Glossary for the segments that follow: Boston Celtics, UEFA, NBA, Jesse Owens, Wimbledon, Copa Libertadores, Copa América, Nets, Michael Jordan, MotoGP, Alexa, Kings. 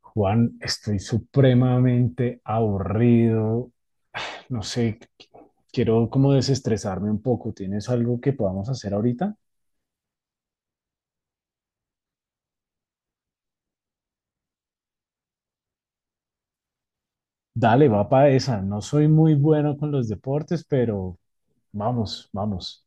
Juan, estoy supremamente aburrido. No sé, quiero como desestresarme un poco. ¿Tienes algo que podamos hacer ahorita? Dale, va para esa. No soy muy bueno con los deportes, pero vamos, vamos.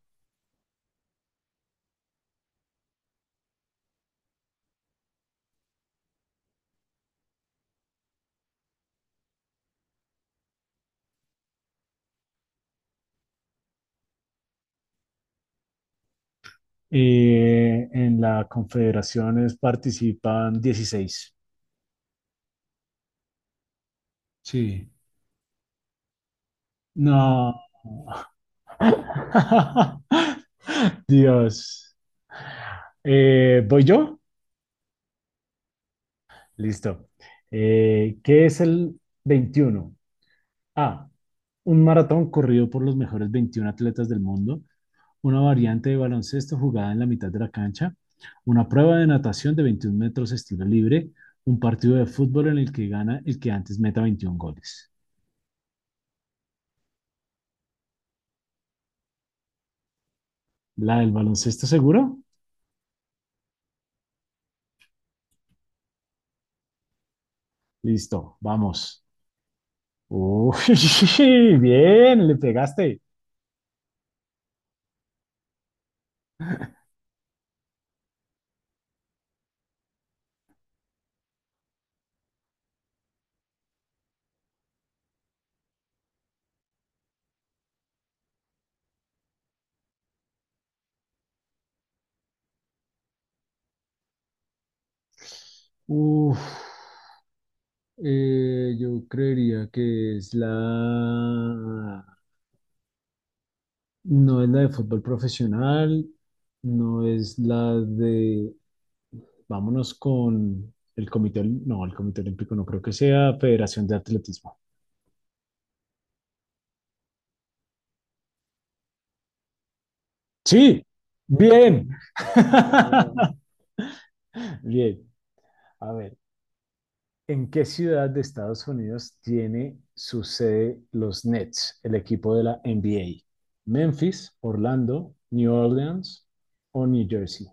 En la Confederaciones participan 16. Sí. No. Dios. ¿Voy yo? Listo. ¿Qué es el 21? A. Un maratón corrido por los mejores 21 atletas del mundo, una variante de baloncesto jugada en la mitad de la cancha, una prueba de natación de 21 metros estilo libre, un partido de fútbol en el que gana el que antes meta 21 goles. ¿La del baloncesto seguro? Listo, vamos. Uy, bien, le pegaste. Uf, yo creería que es la. No es la de fútbol profesional, no es la de, vámonos con el comité, no, el comité olímpico no creo que sea, Federación de Atletismo. Sí, bien. Bien, a ver, ¿en qué ciudad de Estados Unidos tiene su sede los Nets, el equipo de la NBA? ¿Memphis, Orlando, New Orleans o New Jersey?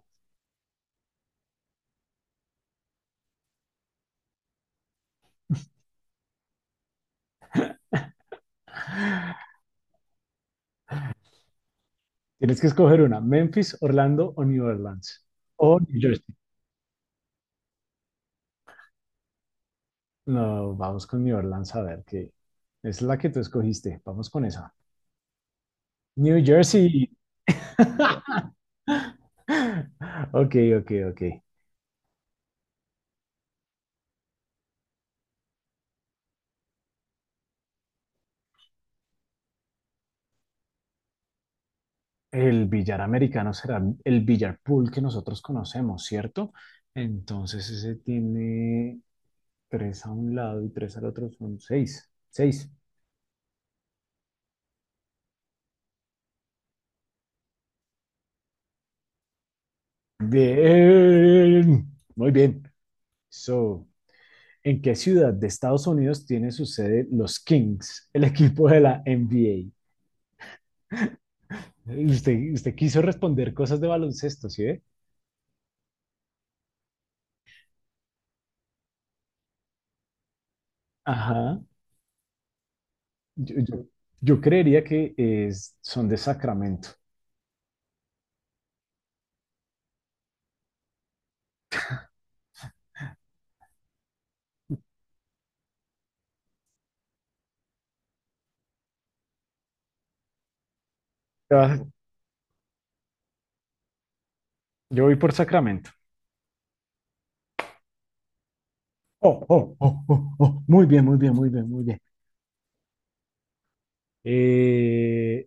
Tienes que escoger una, Memphis, Orlando o New Orleans. O New Jersey. No, vamos con New Orleans a ver qué. Es la que tú escogiste. Vamos con esa. New Jersey. Ok, ok, ok. El billar americano será el billar pool que nosotros conocemos, ¿cierto? Entonces ese tiene tres a un lado y tres al otro, son seis. Seis. Bien. Muy bien. So, ¿en qué ciudad de Estados Unidos tiene su sede los Kings, el equipo de la NBA? Usted quiso responder cosas de baloncesto, ¿sí ve? Ajá. Yo, yo- yo creería que son de Sacramento. Ah, yo voy por Sacramento. Oh, oh, oh, oh, oh. Muy bien, muy bien, muy bien, muy bien. Eh,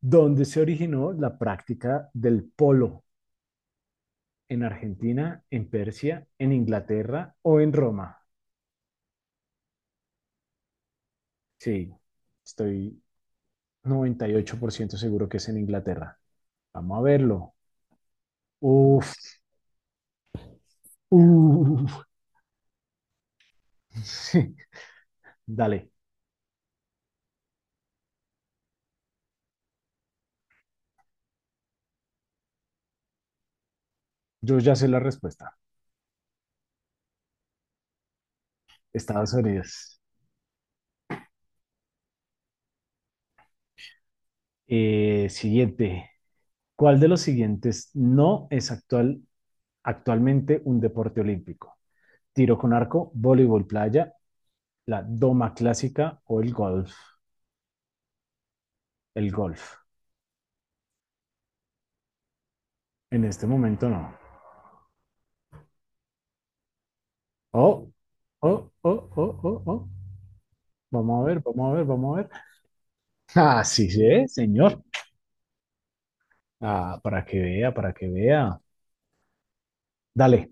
¿Dónde se originó la práctica del polo? ¿En Argentina, en Persia, en Inglaterra o en Roma? Sí, estoy, 98% seguro que es en Inglaterra. Vamos a verlo. Uf, uf. Sí, dale. Yo ya sé la respuesta. Estados Unidos. Siguiente. ¿Cuál de los siguientes no es actual, ¿Actualmente un deporte olímpico? Tiro con arco, voleibol playa, la doma clásica o el golf. El golf. En este momento no. Oh, oh, oh, oh, oh, oh. Vamos a ver, vamos a ver, vamos a ver. Ah, sí, sí, ¿eh? Señor. Ah, para que vea, para que vea. Dale,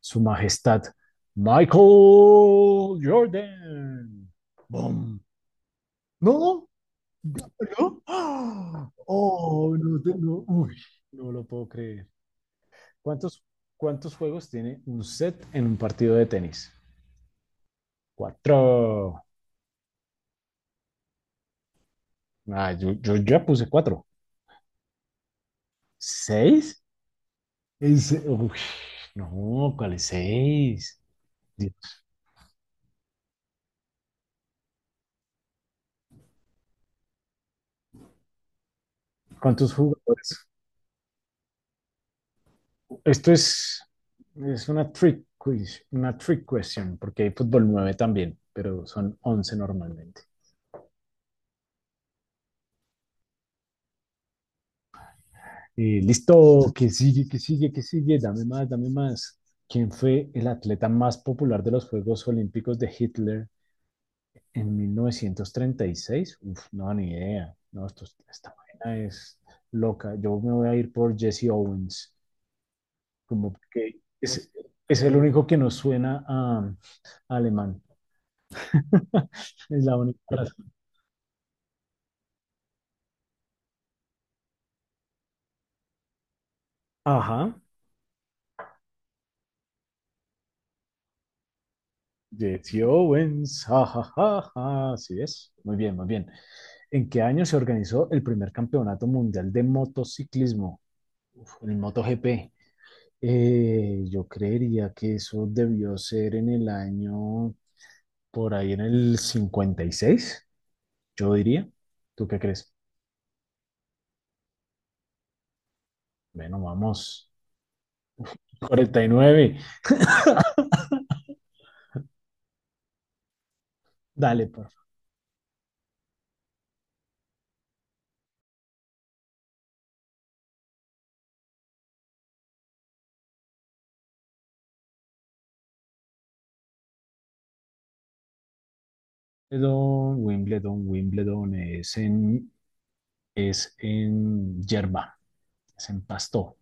Su Majestad Michael Jordan. Boom. No, no. ¡Ah! Oh, no, no, uy, no lo puedo creer. ¿Cuántos, ¿Cuántos juegos tiene un set en un partido de tenis? Cuatro. Ah, yo ya puse cuatro. ¿Seis? Uy, no, ¿cuál es seis? Dios. ¿Cuántos jugadores? Esto es, es una trick quiz, una trick question, porque hay fútbol 9 también, pero son 11 normalmente. Listo, que sigue, que sigue, que sigue, dame más, dame más. ¿Quién fue el atleta más popular de los Juegos Olímpicos de Hitler en 1936? Uf, no, ni idea. No, esta vaina es loca. Yo me voy a ir por Jesse Owens, como que es, es el único que nos suena a alemán. Es la única. Ajá, Jesse Owens, jajajaja, así es. Muy bien, muy bien. ¿En qué año se organizó el primer campeonato mundial de motociclismo? Uf, el MotoGP. Yo creería que eso debió ser en el año, por ahí en el 56, yo diría. ¿Tú qué crees? Bueno, vamos. 49. Dale, por favor. Wimbledon, Wimbledon, es en hierba, es en pasto.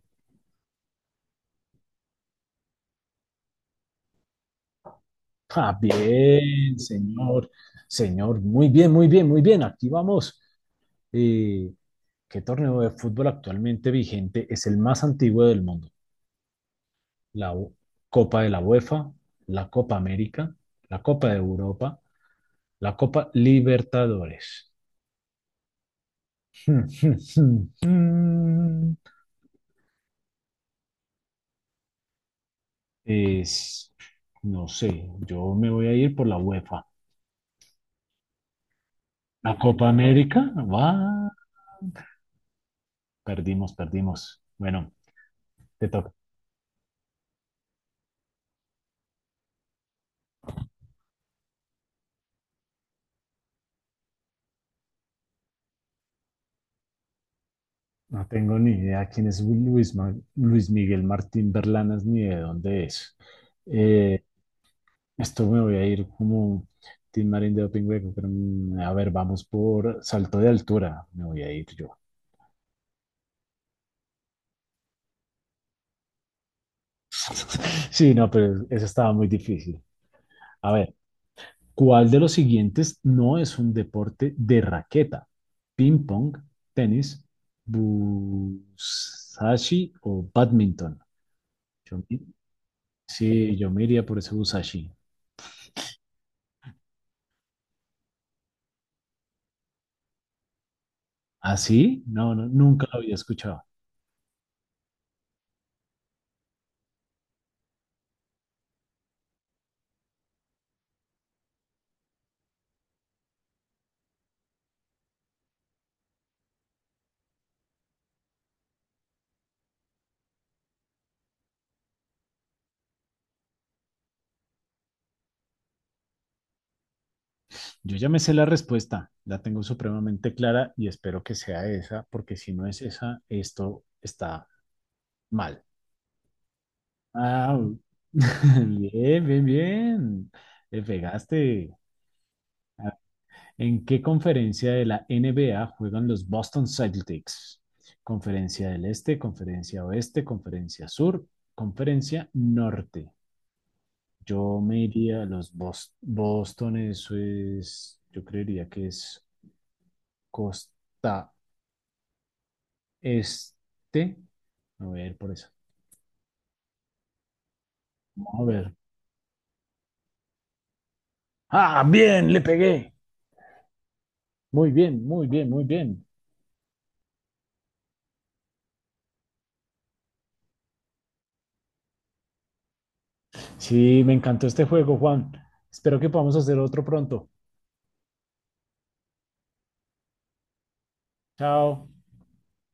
Ah, bien, señor, señor, muy bien, muy bien, muy bien, aquí vamos. Eh, ¿Qué torneo de fútbol actualmente vigente es el más antiguo del mundo? La Copa de la UEFA, la Copa América, la Copa de Europa, la Copa Libertadores. Es, no sé, yo me voy a ir por la UEFA. La Copa América, va. Perdimos, perdimos. Bueno, te toca. No tengo ni idea quién es Luis Miguel Martín Berlanas ni de dónde es. Eh, Esto me voy a ir como Tim Marín de Doping Hueco, pero a ver, vamos por salto de altura. Me voy a ir yo. Sí, no, pero eso estaba muy difícil. A ver, ¿cuál de los siguientes no es un deporte de raqueta? ¿Ping pong, tenis, busashi o badminton? Yo, sí, yo me iría por ese busashi. ¿Ah, sí? No, no, nunca lo había escuchado. Yo ya me sé la respuesta, la tengo supremamente clara y espero que sea esa, porque si no es esa, esto está mal. Ah, bien, bien, bien. Le pegaste. Ah, ¿en qué conferencia de la NBA juegan los Boston Celtics? Conferencia del Este, Conferencia Oeste, Conferencia Sur, Conferencia Norte. Yo me iría a los Boston, eso es, yo creería que es costa este. A ver, por eso. A ver. Ah, bien, le pegué. Muy bien, muy bien, muy bien. Sí, me encantó este juego, Juan. Espero que podamos hacer otro pronto. Chao.